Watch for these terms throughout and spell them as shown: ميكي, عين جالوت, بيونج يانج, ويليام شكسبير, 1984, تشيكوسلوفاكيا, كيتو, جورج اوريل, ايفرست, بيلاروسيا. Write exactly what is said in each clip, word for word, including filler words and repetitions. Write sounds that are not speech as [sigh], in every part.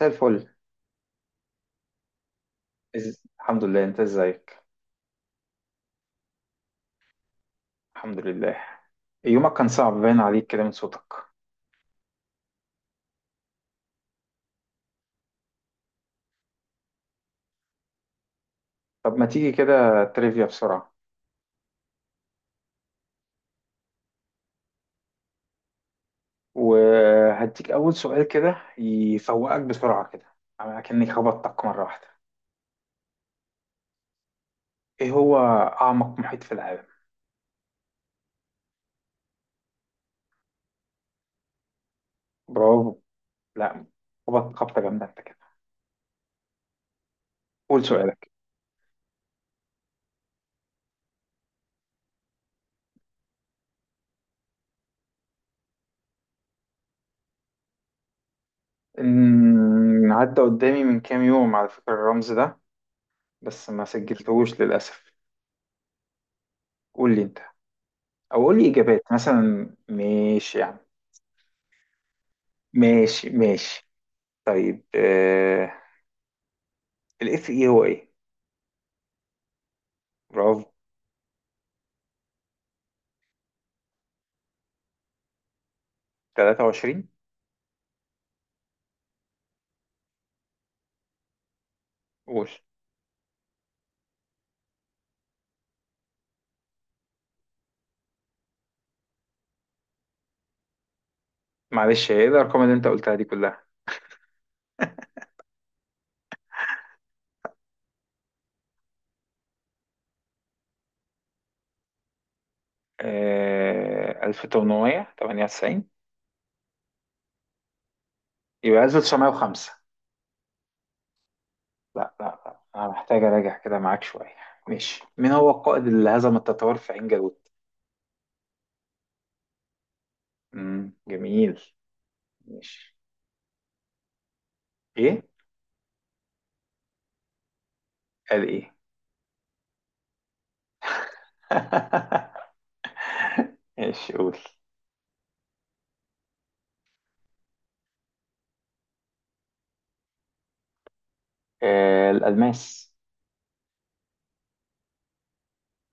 زي الفل. إز... الحمد لله، انت ازيك؟ الحمد لله. يومك كان صعب باين عليك كده من صوتك. طب ما تيجي كده تريفيا بسرعة؟ وهديك أول سؤال كده يفوقك بسرعة كده، أكني خبطتك مرة واحدة. إيه هو أعمق محيط في العالم؟ برافو. لا، خبط خبطة جامدة أنت كده. قول سؤالك. إن- عدى قدامي من كام يوم على فكرة الرمز ده، بس ما سجلتهوش للأسف. قول لي أنت، أو قول لي إجابات مثلا، ماشي يعني. ماشي ماشي. طيب آه الاف اي هو ايه؟ برافو. تلاتة وعشرين. قول. معلش، ايه الارقام اللي انت قلتها دي كلها؟ آه ألف تمنمية تمنية وتسعين. يبقى ألف تسعمية وخمسة. لا لا لا، انا محتاج اراجع كده معاك شويه. ماشي. مين هو القائد اللي هزم التتار في عين جالوت؟ امم جميل. ماشي. ايه؟ قال ايه. [laughs] ماشي، قول. آه الالماس.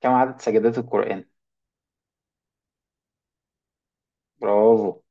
كم عدد سجدات القرآن؟ برافو.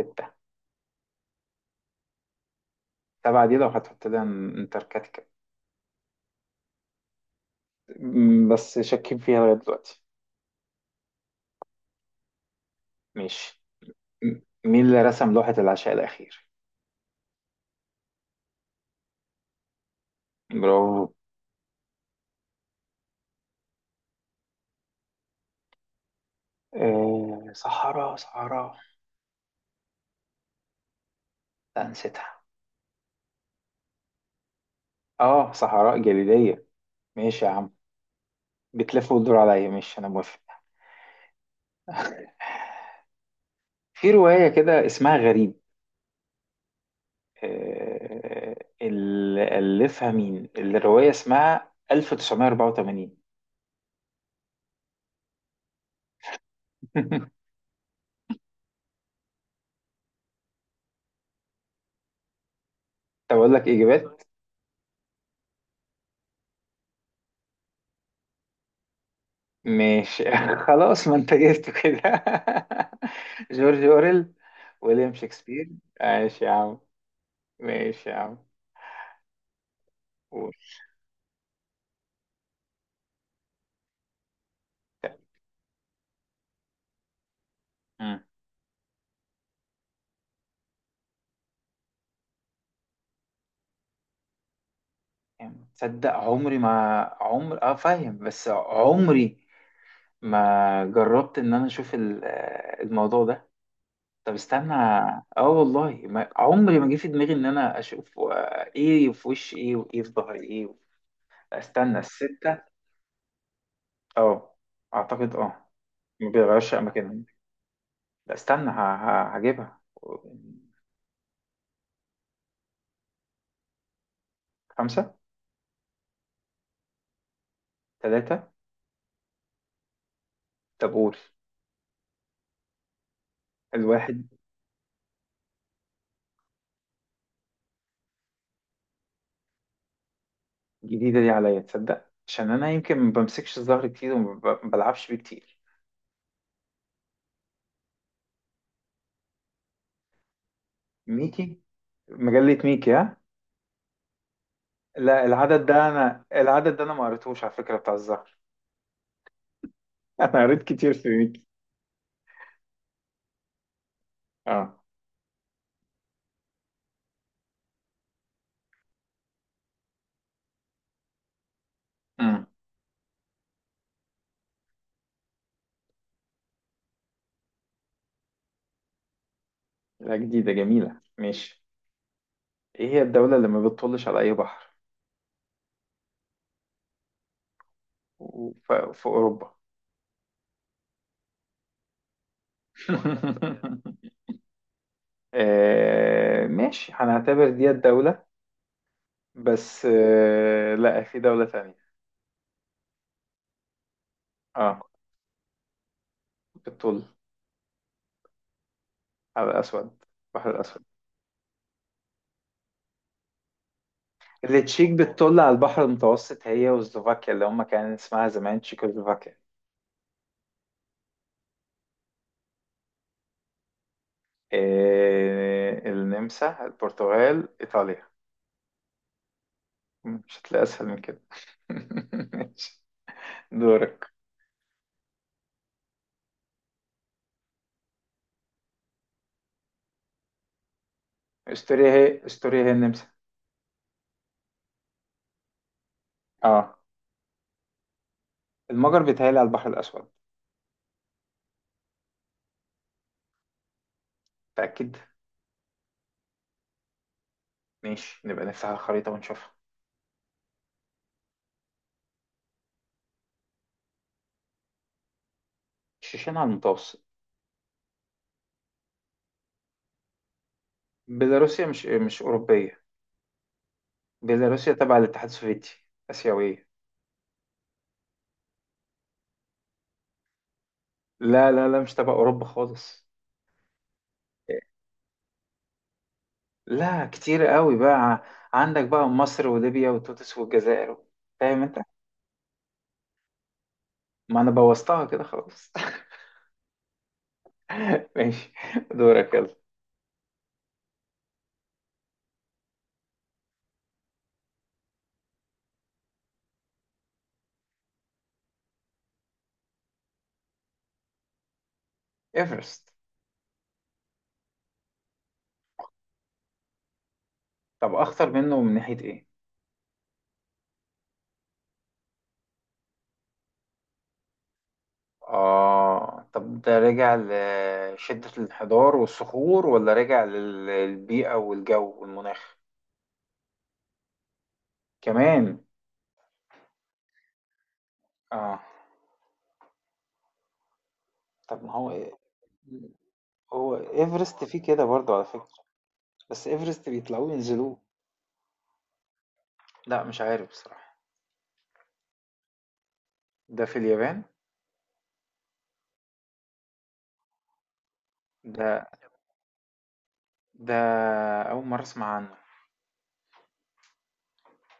ستة. سبعة دي لو هتحط لها انتاركتيكا. م- بس شاكين فيها لغاية دلوقتي. ماشي. م- مين اللي رسم لوحة العشاء الأخير؟ برافو. آه صحراء صحراء، لا نسيتها. اه، صحراء جليدية. ماشي يا عم. بتلف وتدور عليا، ماشي أنا موافق. [laughs] في رواية كده اسمها غريب، آه، اللي ألفها مين؟ الرواية اسمها ألف تسعمائة وأربعة وثمانين. [laughs] طب أقول لك إجابات. ماشي. [laughs] خلاص، ما انت جبته كده. [laughs] جورج اوريل؟ ويليام شكسبير؟ ماشي يا عم. ماشي يا عم، قول. مم. تصدق عمري ما عمر، اه فاهم، بس عمري ما جربت ان انا اشوف ال- آه، الموضوع ده. طب استنى. اه والله ما... عمري ما جه في دماغي ان انا اشوف، آه، ايه في وش ايه وايه في ظهر ايه. استنى، الستة. اه، اعتقد اه. ما بيغيرش اماكنهم. لا استنى، ه- ه- هجيبها. خمسة. تلاتة. طب قول. الواحد. جديدة دي عليا، تصدق؟ عشان أنا يمكن ما بمسكش الظهر كتير، وما ب- بلعبش بيه كتير. ميكي؟ مجلة ميكي ها. لا العدد ده أنا، العدد ده أنا ما قريتهوش على فكرة، بتاع الظهر. [laughs] أنا قريت كتير في ميكي. اه. امم لا جديدة جميلة، ماشي. إيه هي الدولة اللي ما بتطلش على أي بحر؟ و- ف- في أوروبا. [laughs] آه ماشي، هنعتبر دي الدولة. بس آه، لا، في دولة تانية. اه. بتطل على الأسود، البحر الأسود. التشيك بتطل على البحر المتوسط هي وسلوفاكيا اللي هم كان اسمها زمان تشيكوسلوفاكيا. آه، النمسا، البرتغال، إيطاليا. مش هتلاقي أسهل من كده. [laughs] ماشي. دورك. استوريا هي، استوريا هي النمسا. اه. المجر بيتهيألي على البحر الأسود. متأكد. ماشي، نبقى نفتح الخريطة ونشوفها. شيشان على المتوسط. بيلاروسيا مش، مش أوروبية. بيلاروسيا تبع الاتحاد السوفيتي، آسيوية. لا لا لا، مش تبع أوروبا خالص. لا كتير قوي بقى. عندك بقى مصر وليبيا وتونس والجزائر. فاهم انت. ما انا بوظتها كده خلاص. [laughs] ماشي. دورك يلا. ايفرست. طب اخطر منه من ناحية ايه؟ اه طب ده رجع لشدة الانحدار والصخور، ولا رجع لل- للبيئة والجو والمناخ كمان؟ اه. طب ما هو إيه؟ هو ايفرست فيه كده برضه على فكرة. بس ايفرست بيطلعوه ينزلوه. لا مش عارف بصراحة. ده في اليابان؟ ده، ده أول مرة أسمع عنه.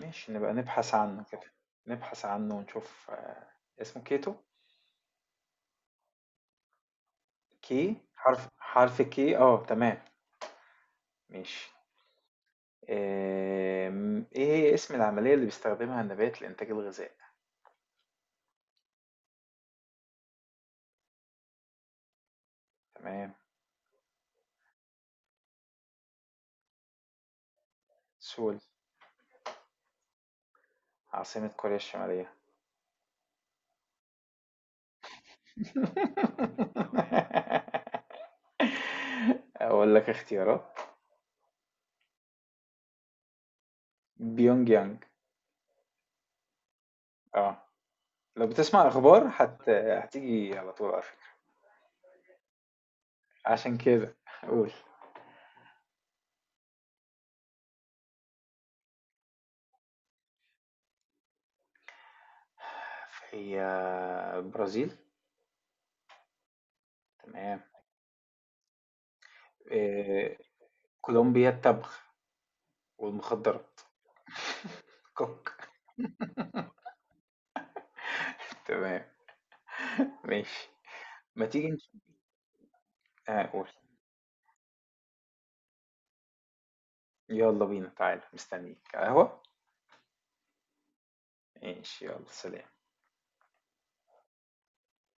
ماشي نبقى نبحث عنه كده. نبحث عنه ونشوف. آه، اسمه كيتو. كي حرف، حرف كي اه، تمام. ماشي. آم، ايه هي اسم العملية اللي بيستخدمها النبات لإنتاج الغذاء؟ تمام. سول. عاصمة كوريا الشمالية. [laughs] أقول لك اختيارات. بيونج يانج. اه. لو بتسمع اخبار هت... هتيجي على طول على فكرة. عشان كده. قول. هي، برازيل. تمام. إيه... كولومبيا التبغ والمخدرات. كوك. تمام. ماشي. ما تيجي نش- آه قول. يلا بينا، تعالى مستنيك قهوة. ماشي يلا، سلام.